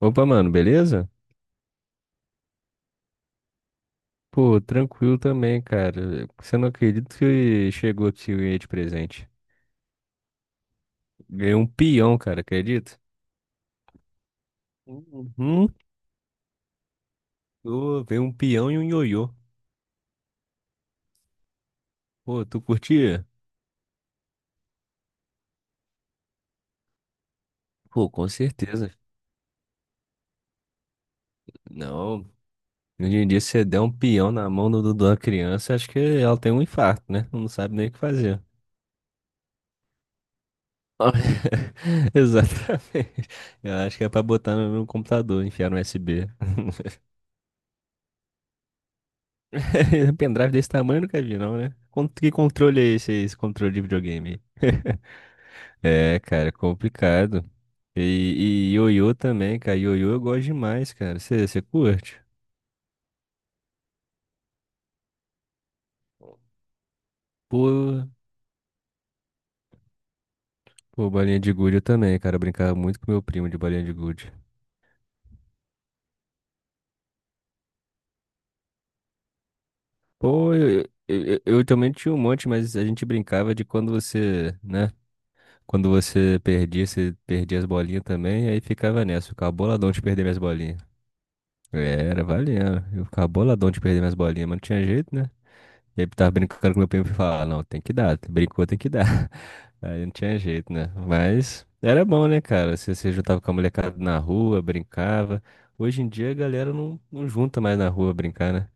Opa, mano, beleza? Pô, tranquilo também, cara. Você não acredita que chegou aqui o de presente? Ganhei um peão, cara, acredita? Uhum. Pô, veio um peão e um ioiô. Pô, tu curtia? Pô, com certeza. Não. Hoje em dia, se você der um peão na mão da criança, acho que ela tem um infarto, né? Não sabe nem o que fazer. Exatamente. Eu acho que é pra botar no computador, enfiar no USB. Pendrive desse tamanho eu nunca vi, não, né? Que controle é esse, aí, esse controle de videogame? É, cara, complicado. E ioiô também, cara. Ioiô eu gosto demais, cara. Você curte? Pô, pô, bolinha de gude eu também, cara. Eu brincava muito com meu primo de bolinha de gude. Pô, eu também tinha um monte, mas a gente brincava de quando você, né? Quando você perdia as bolinhas também, aí ficava nessa, ficava boladão de perder minhas bolinhas. Era, valia. Eu ficava boladão de perder minhas bolinhas, mas não tinha jeito, né? E aí eu tava brincando com meu primo e falava, ah, não, tem que dar, brincou, tem que dar. Aí não tinha jeito, né? Mas era bom, né, cara? Você se juntava com a molecada na rua, brincava. Hoje em dia a galera não junta mais na rua brincar, né?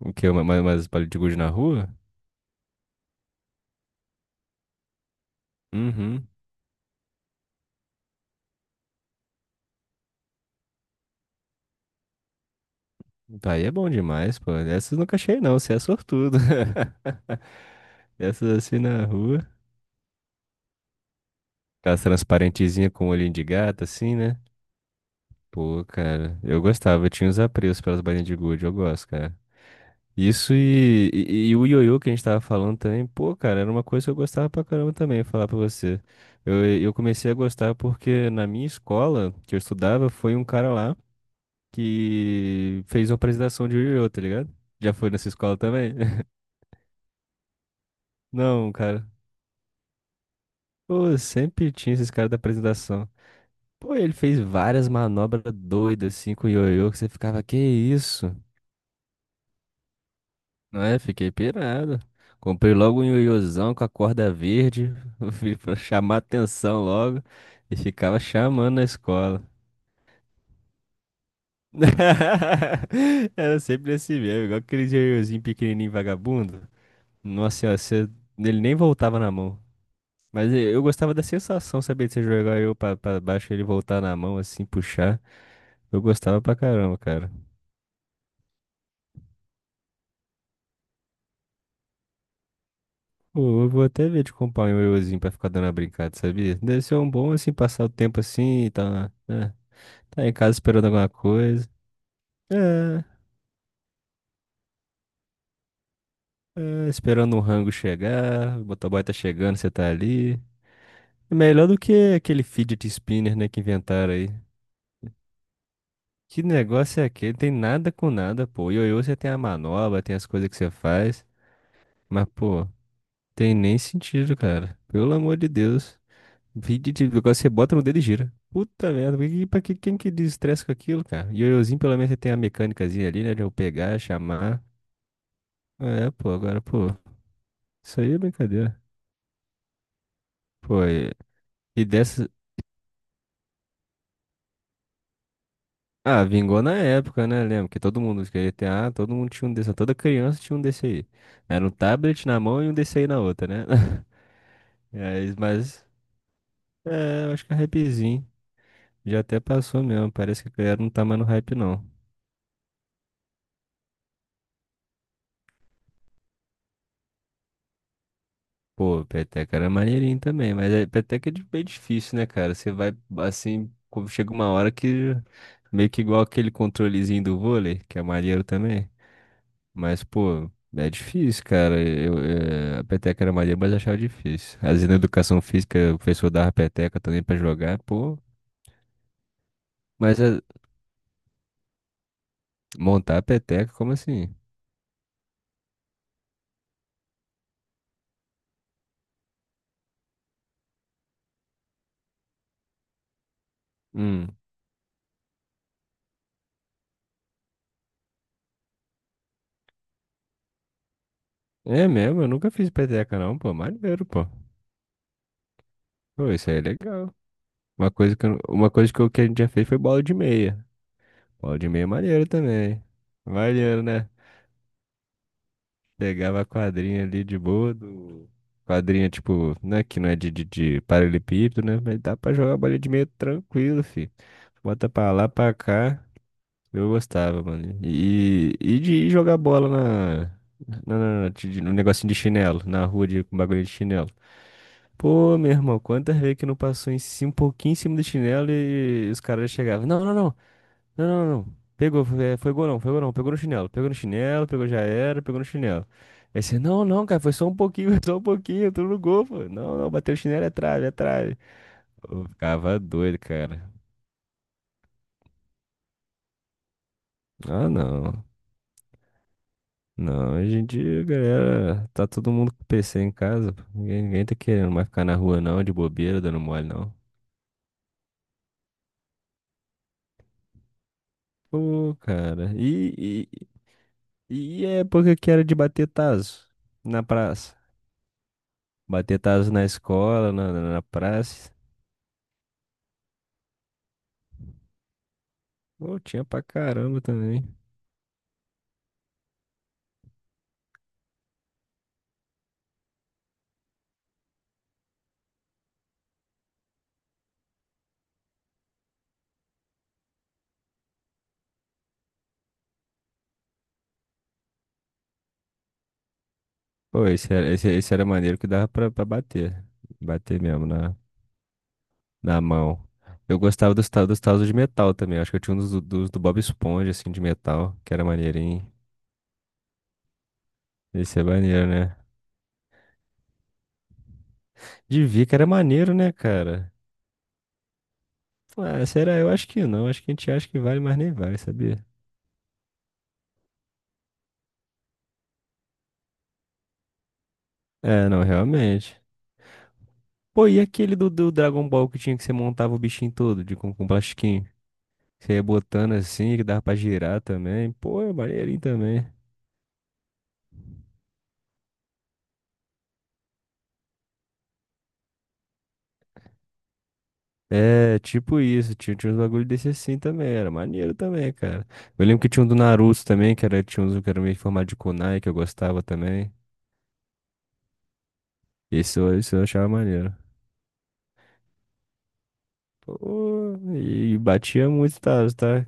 O quê? Mais palito de gude na rua? Uhum. Aí é bom demais, pô. Essas eu nunca achei, não. Você é sortudo. Essas assim na rua. Aquelas transparentezinhas com olhinho de gato, assim, né? Pô, cara, eu gostava, eu tinha os apreços pelas bainhas de gude, eu gosto, cara. Isso e o ioiô que a gente tava falando também, pô, cara, era uma coisa que eu gostava pra caramba também, falar pra você. Eu comecei a gostar porque na minha escola, que eu estudava, foi um cara lá que fez uma apresentação de ioiô, tá ligado? Já foi nessa escola também? Não, cara. Pô, sempre tinha esses caras da apresentação. Pô, ele fez várias manobras doidas assim com o ioiô, que você ficava, que isso? Não é? Fiquei pirado. Comprei logo um ioiôzão com a corda verde, vi pra chamar atenção logo, e ficava chamando na escola. Era sempre assim mesmo, igual aquele ioiôzinho pequenininho vagabundo. Nossa senhora, você... ele nem voltava na mão. Mas eu gostava da sensação, sabia, de você jogar eu pra baixo e ele voltar na mão, assim, puxar. Eu gostava pra caramba, cara. Pô, eu vou até ver de comprar um ioiôzinho pra ficar dando uma brincada, sabia? Deve ser um bom, assim, passar o tempo assim e tá. Tá em casa esperando alguma coisa. É, é, esperando um rango chegar. O motoboy tá chegando, você tá ali. É melhor do que aquele fidget spinner, né, que inventaram aí. Que negócio é aquele? Tem nada com nada, pô. Ioiô, você tem a manobra, tem as coisas que você faz. Mas, pô, tem nem sentido, cara. Pelo amor de Deus. Fidget, agora você bota no dedo e gira. Puta merda, pra que, quem que desestressa com aquilo, cara? Ioiôzinho, pelo menos, você tem a mecânicazinha ali, né, de eu pegar, chamar. É, pô, agora, pô, isso aí é brincadeira. Foi. E dessa. Ah, vingou na época, né? Lembro que todo mundo queria ter, ah, todo mundo tinha um desse, toda criança tinha um desse aí. Era um tablet na mão e um desse aí na outra, né? Mas é, eu acho que é um hypezinho. Já até passou mesmo. Parece que a galera não tá mais no hype, não. Pô, peteca era maneirinho também, mas é, peteca é bem difícil, né, cara? Você vai assim, quando chega uma hora que meio que igual aquele controlezinho do vôlei, que é maneiro também. Mas, pô, é difícil, cara. Eu, a peteca era maneira, mas achava difícil. Às vezes na educação física, o professor dava peteca também pra jogar, pô. Mas eh, montar a peteca, como assim? Hum. É mesmo, eu nunca fiz peteca não, pô. Maneiro, pô. Pô, isso aí é legal. Uma coisa que que a gente já fez foi bola de meia. Bola de meia é maneiro também. Maneiro, né? Pegava a quadrinha ali de boa do. Quadrinha, tipo, né? Que não é de paralelepípedo, né? Mas dá pra jogar bola de meio tranquilo, fi. Bota pra lá, pra cá. Eu gostava, mano. E de jogar bola na. No negocinho de chinelo, na rua de, com bagulho de chinelo. Pô, meu irmão, quantas vezes que não passou em cima, um pouquinho em cima do chinelo e os caras chegavam. Não. Não, não, não. Pegou, foi, é, foi gol não, foi gol não. Pegou no chinelo, pegou no chinelo, pegou já era, pegou no chinelo. Aí você, não, não, cara, foi só um pouquinho, só um pouquinho, tudo no gol, pô. Não, não, bateu o chinelo, é trave, é trave. Eu ficava doido, cara. Ah, não. Não, hoje em dia, galera, tá todo mundo com PC em casa. Pô. Ninguém tá querendo mais ficar na rua, não, de bobeira, dando mole, não. Pô, cara. E a época que era de bater tazo na praça. Bater tazo na escola, na praça. Pô, tinha pra caramba também. Pô, esse era maneiro que dava pra bater. Bater mesmo na, na mão. Eu gostava dos tazos de metal também. Acho que eu tinha um dos do Bob Esponja, assim, de metal, que era maneirinho. Esse é maneiro, né? De ver que era maneiro, né, cara? Ah, será? Eu acho que não. Acho que a gente acha que vale, mas nem vale, sabia? É, não, realmente. Pô, e aquele do Dragon Ball que tinha que você montava o bichinho todo, de, com plastiquinho? Você ia botando assim, que dava pra girar também. Pô, é maneirinho também. É, tipo isso, tinha uns bagulho desse assim também, era maneiro também, cara. Eu lembro que tinha um do Naruto também, que era, tinha uns que era meio formado de kunai, que eu gostava também. Esse eu achava maneiro. Pô, e, batia muito, tá?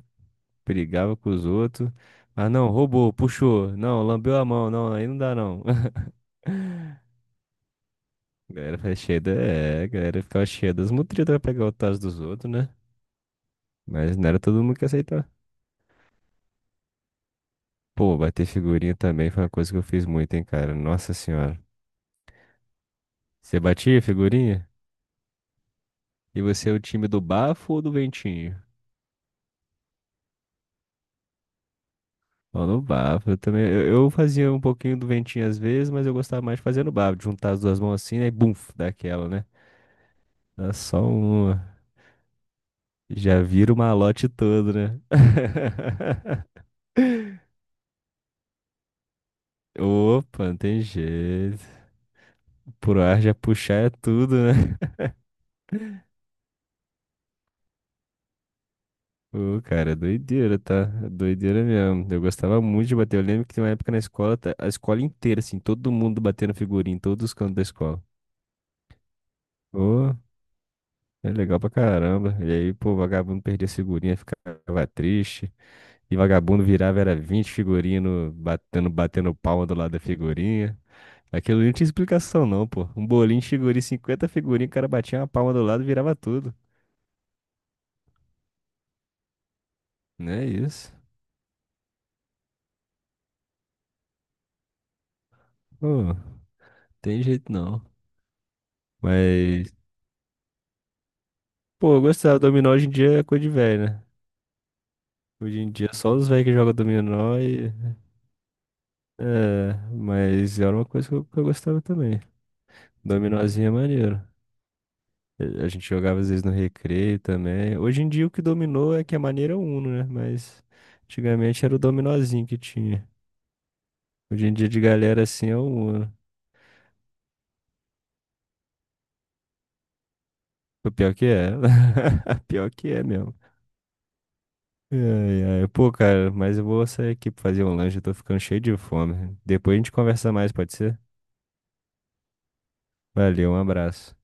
Brigava com os outros. Ah, não, roubou, puxou. Não, lambeu a mão, não, aí não dá não. A galera foi cheia da... É, a galera ficava cheia das mutretas pra pegar o tazo dos outros, né? Mas não era todo mundo que aceitava. Pô, bater figurinha também foi uma coisa que eu fiz muito, hein, cara. Nossa senhora. Você batia figurinha? E você é o time do bafo ou do ventinho? Ó, no bafo. Eu também. Eu fazia um pouquinho do ventinho às vezes, mas eu gostava mais de fazer no bafo. De juntar as duas mãos assim, né? E bum, daquela, né? Dá só uma. Já vira o malote todo, né? Opa, não tem jeito. Pro ar já puxar é tudo, né? Ô, cara, doideira, tá? Doideira mesmo. Eu gostava muito de bater. Eu lembro que tem uma época na escola, a escola inteira, assim, todo mundo batendo figurinha, em todos os cantos da escola. Ô, é legal pra caramba. E aí, pô, vagabundo perdia figurinha, ficava triste. E vagabundo virava, era 20 figurinhas no- batendo, batendo palma do lado da figurinha. Aquilo ali não tinha explicação, não, pô. Um bolinho de figurinha, 50 figurinhas, o cara batia uma palma do lado e virava tudo. Não é isso. Pô, tem jeito não. Mas pô, eu gostava. Dominó hoje em dia é coisa de velho, né? Hoje em dia é só os velhos que jogam dominó e... É, mas era uma coisa que eu gostava também. Dominózinho é maneiro. A gente jogava às vezes no recreio também. Hoje em dia o que dominou é que a maneira é o Uno, né? Mas antigamente era o dominózinho que tinha. Hoje em dia de galera assim é o Uno. O pior que é. Pior que é mesmo. Ai, ai. Pô, cara, mas eu vou sair aqui pra fazer um lanche. Eu tô ficando cheio de fome. Depois a gente conversa mais, pode ser? Valeu, um abraço.